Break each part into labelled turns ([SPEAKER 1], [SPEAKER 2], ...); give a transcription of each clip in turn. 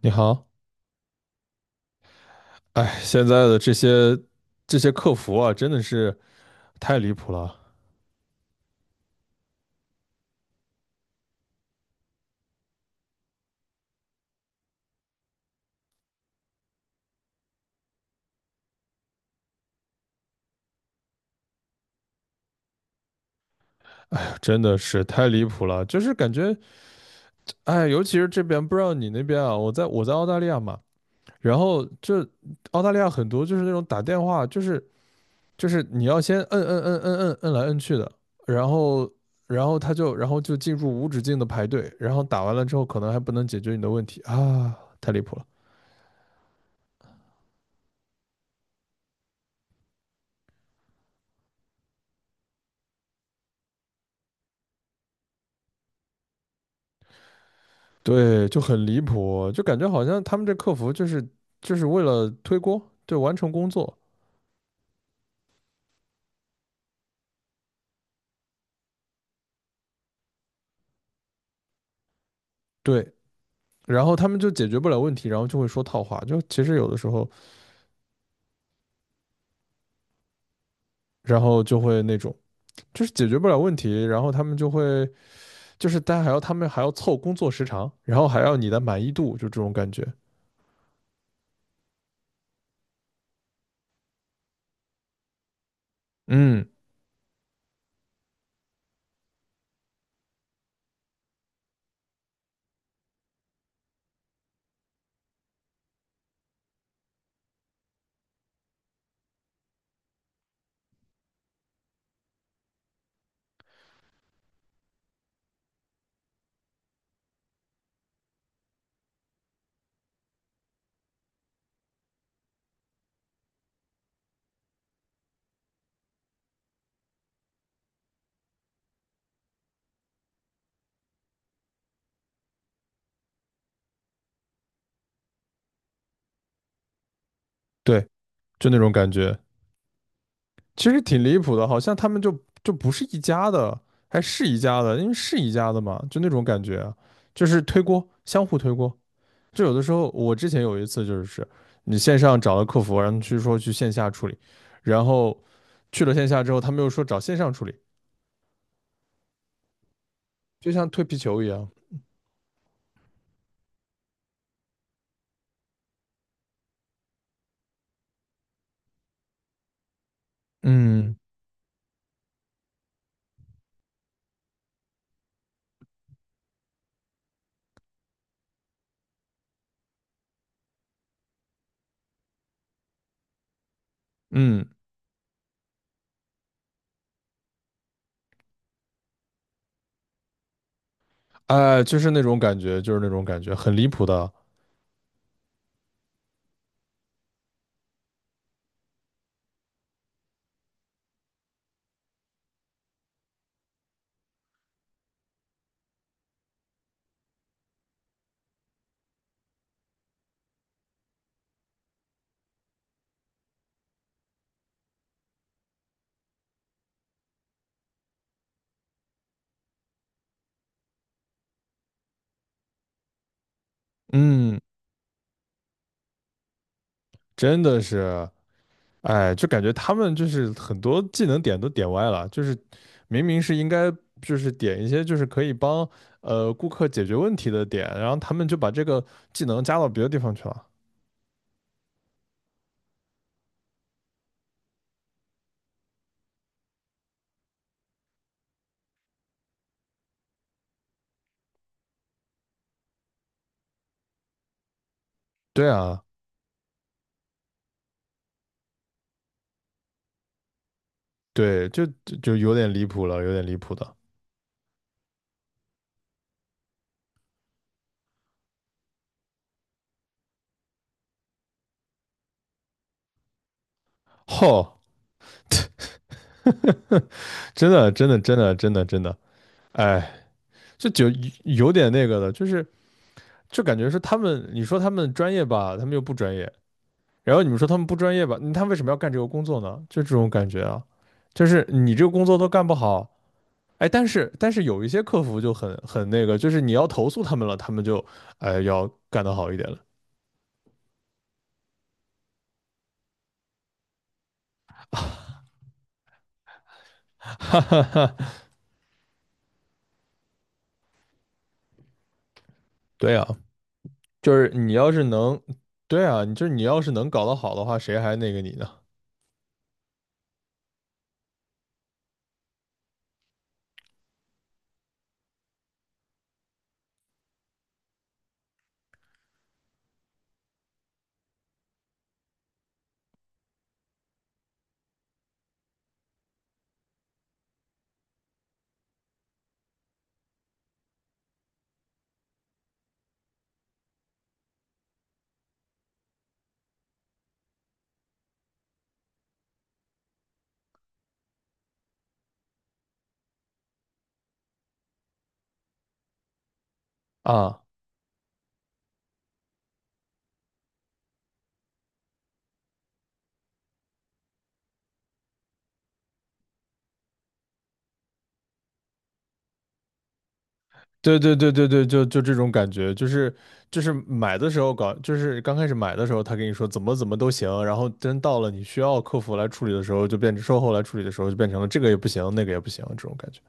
[SPEAKER 1] 你好。哎，现在的这些客服啊，真的是太离谱了。哎呀，真的是太离谱了，就是感觉，哎，尤其是这边，不知道你那边啊，我在澳大利亚嘛，然后就澳大利亚很多就是那种打电话，就是你要先摁摁摁摁摁摁来摁去的，然后然后他就然后就进入无止境的排队，然后打完了之后可能还不能解决你的问题啊，太离谱了。对，就很离谱，就感觉好像他们这客服就是为了推锅，对，完成工作。对，然后他们就解决不了问题，然后就会说套话，就其实有的时候，然后就会那种就是解决不了问题，然后他们就会就是大家还要他们还要凑工作时长，然后还要你的满意度，就这种感觉。嗯，对，就那种感觉，其实挺离谱的，好像他们就就不是一家的，还是一家的，因为是一家的嘛，就那种感觉啊，就是推锅，相互推锅。就有的时候，我之前有一次就是你线上找了客服，然后去说去线下处理，然后去了线下之后，他们又说找线上处理，就像推皮球一样。嗯，嗯，哎，就是那种感觉，就是那种感觉，很离谱的。嗯，真的是，哎，就感觉他们就是很多技能点都点歪了，就是明明是应该就是点一些就是可以帮顾客解决问题的点，然后他们就把这个技能加到别的地方去了。对啊。对，就有点离谱了，有点离谱的。吼，真的，真的，真的，真的，真的，哎，这就有点那个的，就是就感觉是他们，你说他们专业吧，他们又不专业，然后你们说他们不专业吧，嗯他为什么要干这个工作呢？就这种感觉啊，就是你这个工作都干不好。哎，但是有一些客服就很很那个，就是你要投诉他们了，他们就哎要干得好一点了。对啊，就是你要是能，对啊，你就是你要是能搞得好的话，谁还那个你呢？啊。对对对对对，就就这种感觉，就是就是买的时候搞，就是刚开始买的时候，他跟你说怎么怎么都行，然后真到了你需要客服来处理的时候，就变成售后来处理的时候，就变成了这个也不行，那个也不行，这种感觉。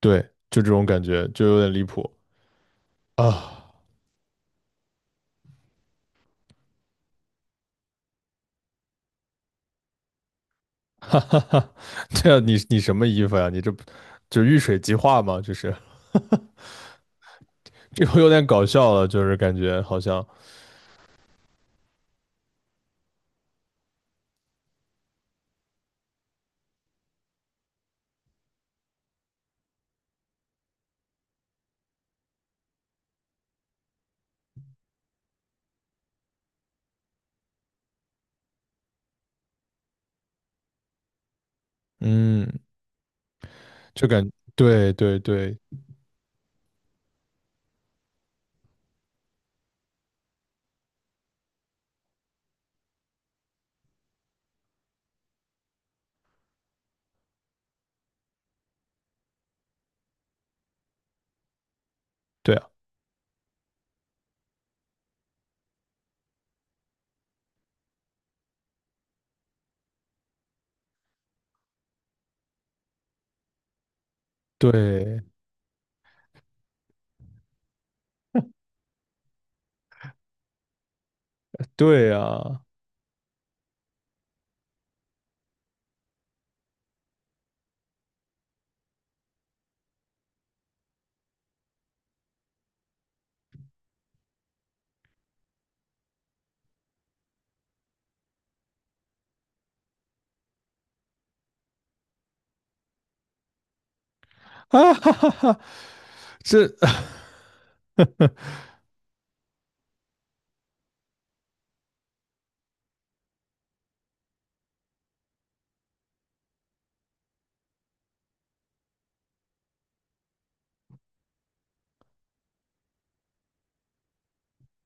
[SPEAKER 1] 对，就这种感觉，就有点离谱啊！哈哈哈，对啊，你你什么衣服呀？你这不就遇水即化吗？就是 这个有点搞笑了，就是感觉好像，嗯，就感对对对，对啊，对对啊。啊哈哈哈，这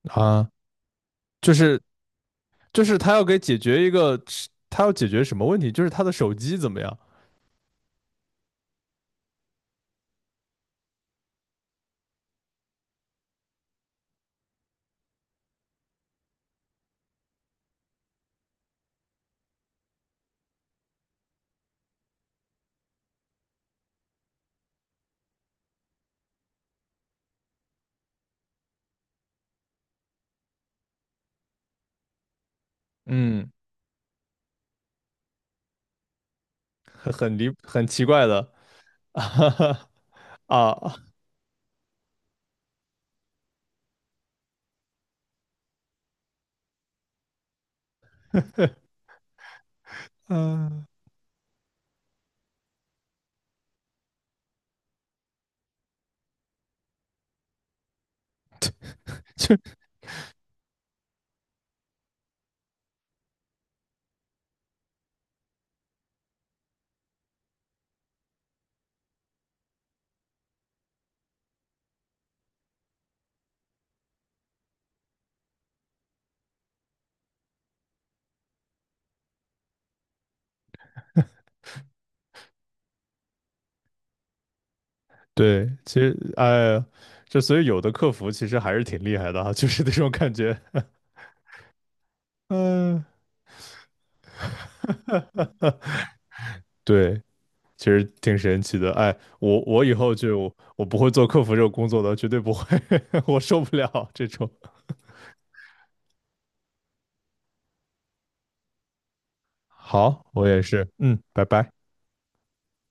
[SPEAKER 1] 啊，就是就是他要给解决一个，他要解决什么问题？就是他的手机怎么样？嗯，很很离很奇怪的 啊啊，嗯，就对，其实哎呀，这所以有的客服其实还是挺厉害的啊，就是那种感觉。嗯，对，其实挺神奇的。哎，我以后就我不会做客服这个工作的，绝对不会，我受不了这种。好，我也是，嗯，拜拜。